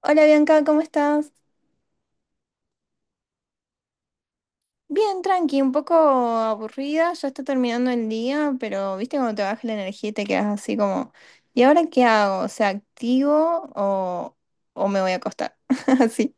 Hola Bianca, ¿cómo estás? Bien, tranqui, un poco aburrida, ya está terminando el día, pero viste cuando te baja la energía y te quedas así como, ¿y ahora qué hago? O sea, ¿activo o me voy a acostar? Así.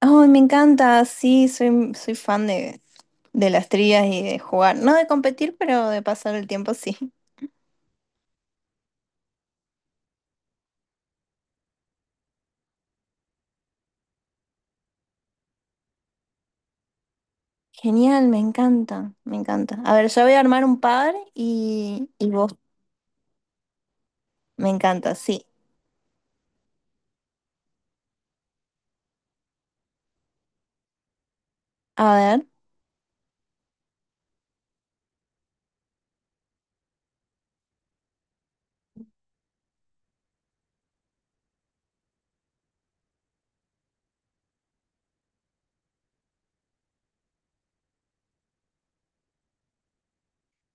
Ay, me encanta, sí, soy fan de las trías y de jugar. No de competir, pero de pasar el tiempo, sí. Genial, me encanta, me encanta. A ver, yo voy a armar un par y vos, me encanta, sí. A ver.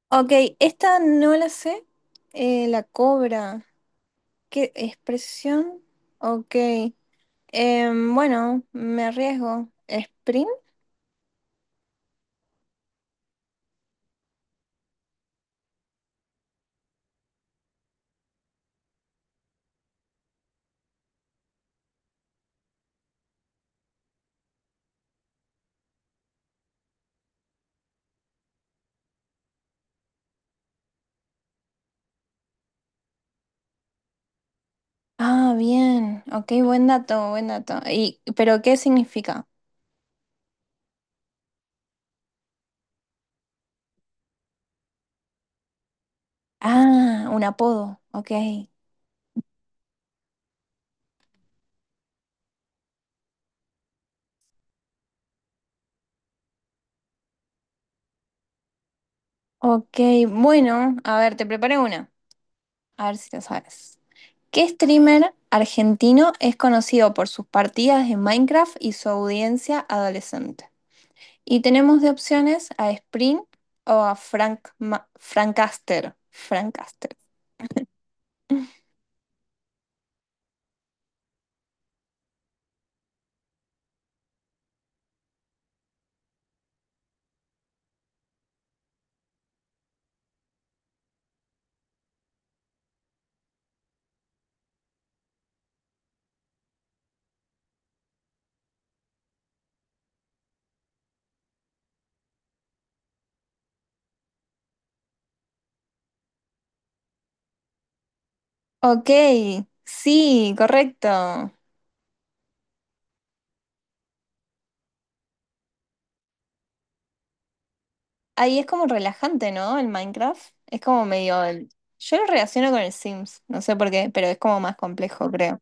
Ok, esta no la sé. La cobra. ¿Qué expresión? Ok. Bueno, me arriesgo. ¿Sprint? Ah, bien. Ok, buen dato, buen dato. Y ¿pero qué significa? Ah, un apodo. Ok. Ok, bueno, a ver, te preparé una. A ver si lo sabes. ¿Qué streamer argentino es conocido por sus partidas en Minecraft y su audiencia adolescente? Y tenemos de opciones a Spring o a Frank Caster. Frank Caster. Ok, sí, correcto. Ahí es como relajante, ¿no? El Minecraft. Es como medio el- Yo lo relaciono con el Sims, no sé por qué, pero es como más complejo, creo.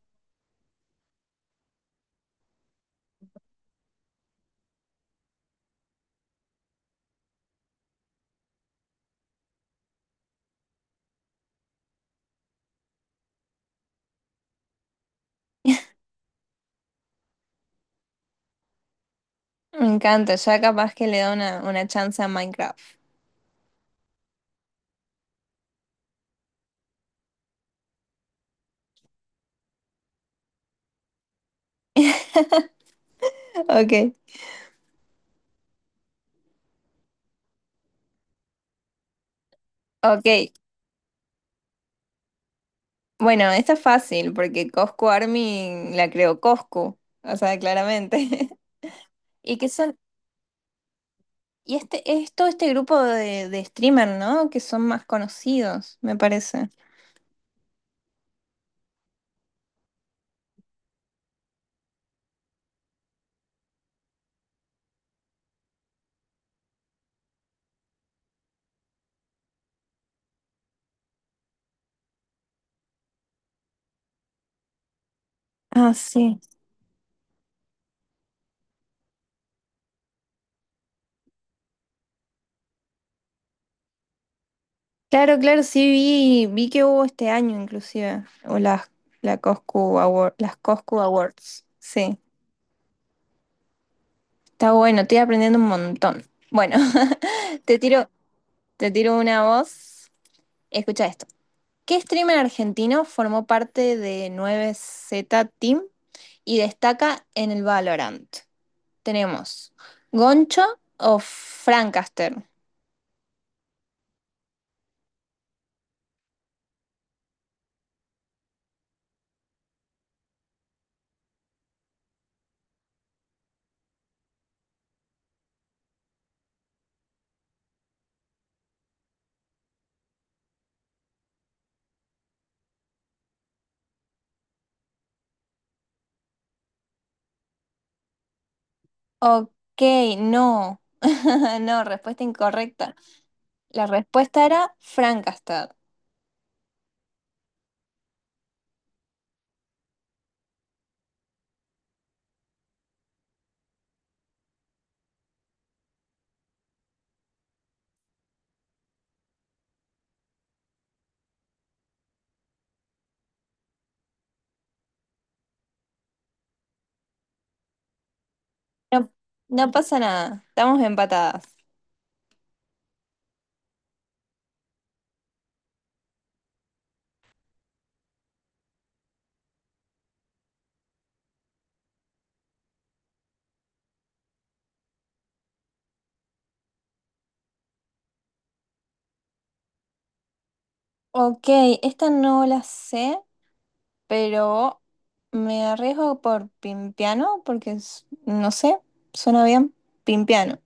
Me encanta, ya capaz que le da una chance a Minecraft. Ok, ok. Bueno, esta es fácil porque Coscu Army la creó Coscu, o sea, claramente. ¿Y qué son? Y este es todo este grupo de streamer, ¿no? Que son más conocidos, me parece. Ah, sí. Claro, claro, sí vi que hubo este año inclusive. O las, la Coscu Award, las Coscu Awards. Sí. Está bueno, estoy aprendiendo un montón. Bueno, te tiro, te tiro una voz. Escucha esto. ¿Qué streamer argentino formó parte de 9z Team y destaca en el Valorant? Tenemos Goncho o Francaster. Ok, no. No, respuesta incorrecta. La respuesta era Frankastad. No, no pasa nada, estamos empatadas. Ok, esta no la sé, pero me arriesgo por Pimpiano porque es- no sé, suena bien. Pimpiano.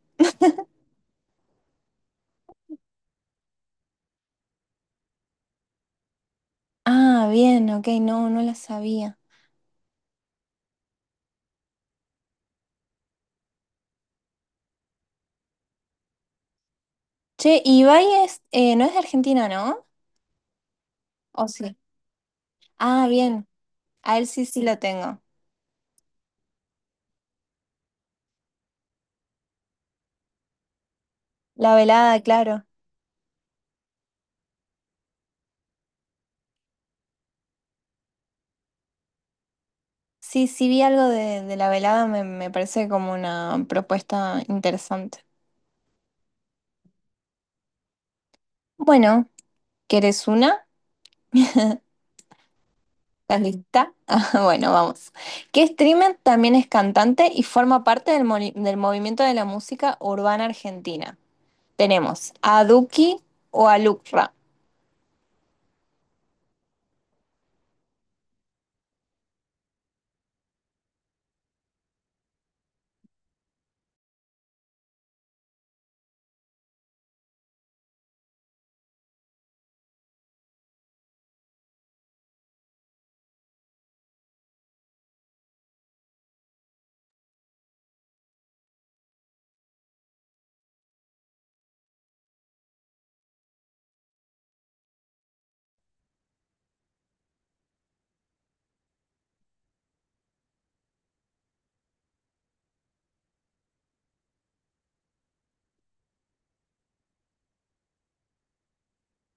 Ah, bien, ok, no, no la sabía. Che, Ibai es, no es de Argentina, ¿no? ¿O sí? Ah, bien, a él sí, sí lo tengo. La velada, claro. Sí, sí vi algo de la velada, me parece como una propuesta interesante. Bueno, ¿querés una? ¿Estás lista? Ah, bueno, vamos. Que streamer también es cantante y forma parte del movimiento de la música urbana argentina. Tenemos a Duki o a Lucra.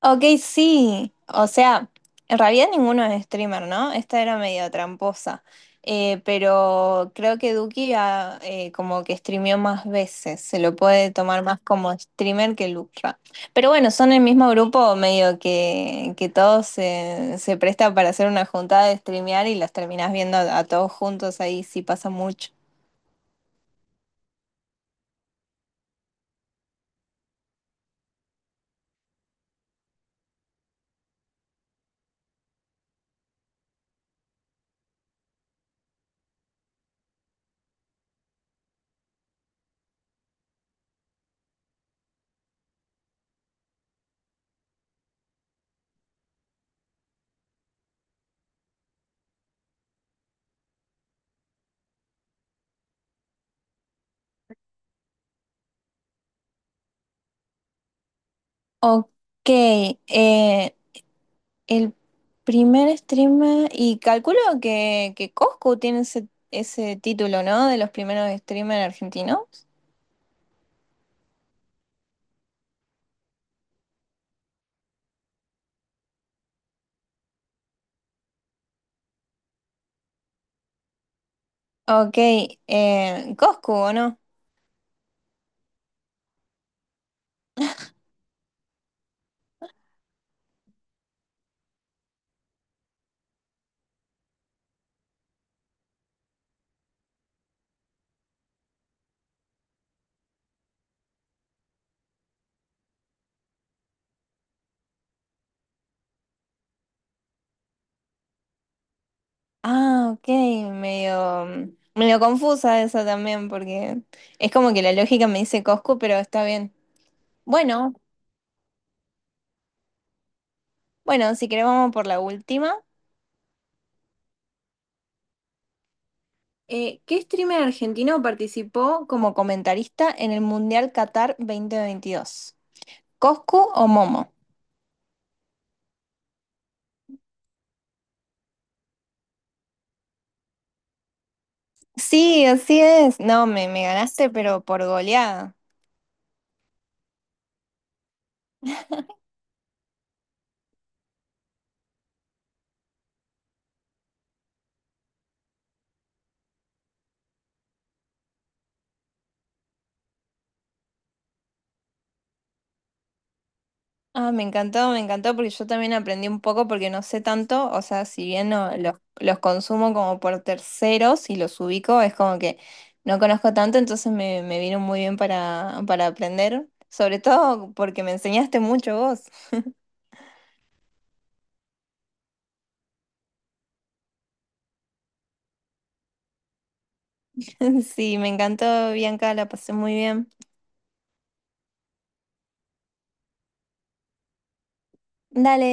Ok, sí. O sea, en realidad ninguno es streamer, ¿no? Esta era medio tramposa. Pero creo que Duki ah, como que streameó más veces. Se lo puede tomar más como streamer que Lucra. Pero bueno, son el mismo grupo, medio que todos se presta para hacer una juntada de streamear y los terminás viendo a todos juntos ahí, sí pasa mucho. Ok, eh, el primer streamer, y calculo que Coscu tiene ese, ese título, ¿no? De los primeros streamers argentinos. Ok, Coscu, ¿o no? Ah, ok, medio, medio confusa esa también, porque es como que la lógica me dice Coscu, pero está bien. Bueno, bueno, si querés vamos por la última. ¿Qué streamer argentino participó como comentarista en el Mundial Qatar 2022? ¿Coscu o Momo? Sí, así es. No, me ganaste, pero por goleada. Ah, me encantó porque yo también aprendí un poco porque no sé tanto, o sea, si bien no, los consumo como por terceros y los ubico, es como que no conozco tanto, entonces me vino muy bien para aprender, sobre todo porque me enseñaste mucho vos. Sí, me encantó, Bianca, la pasé muy bien. Dale.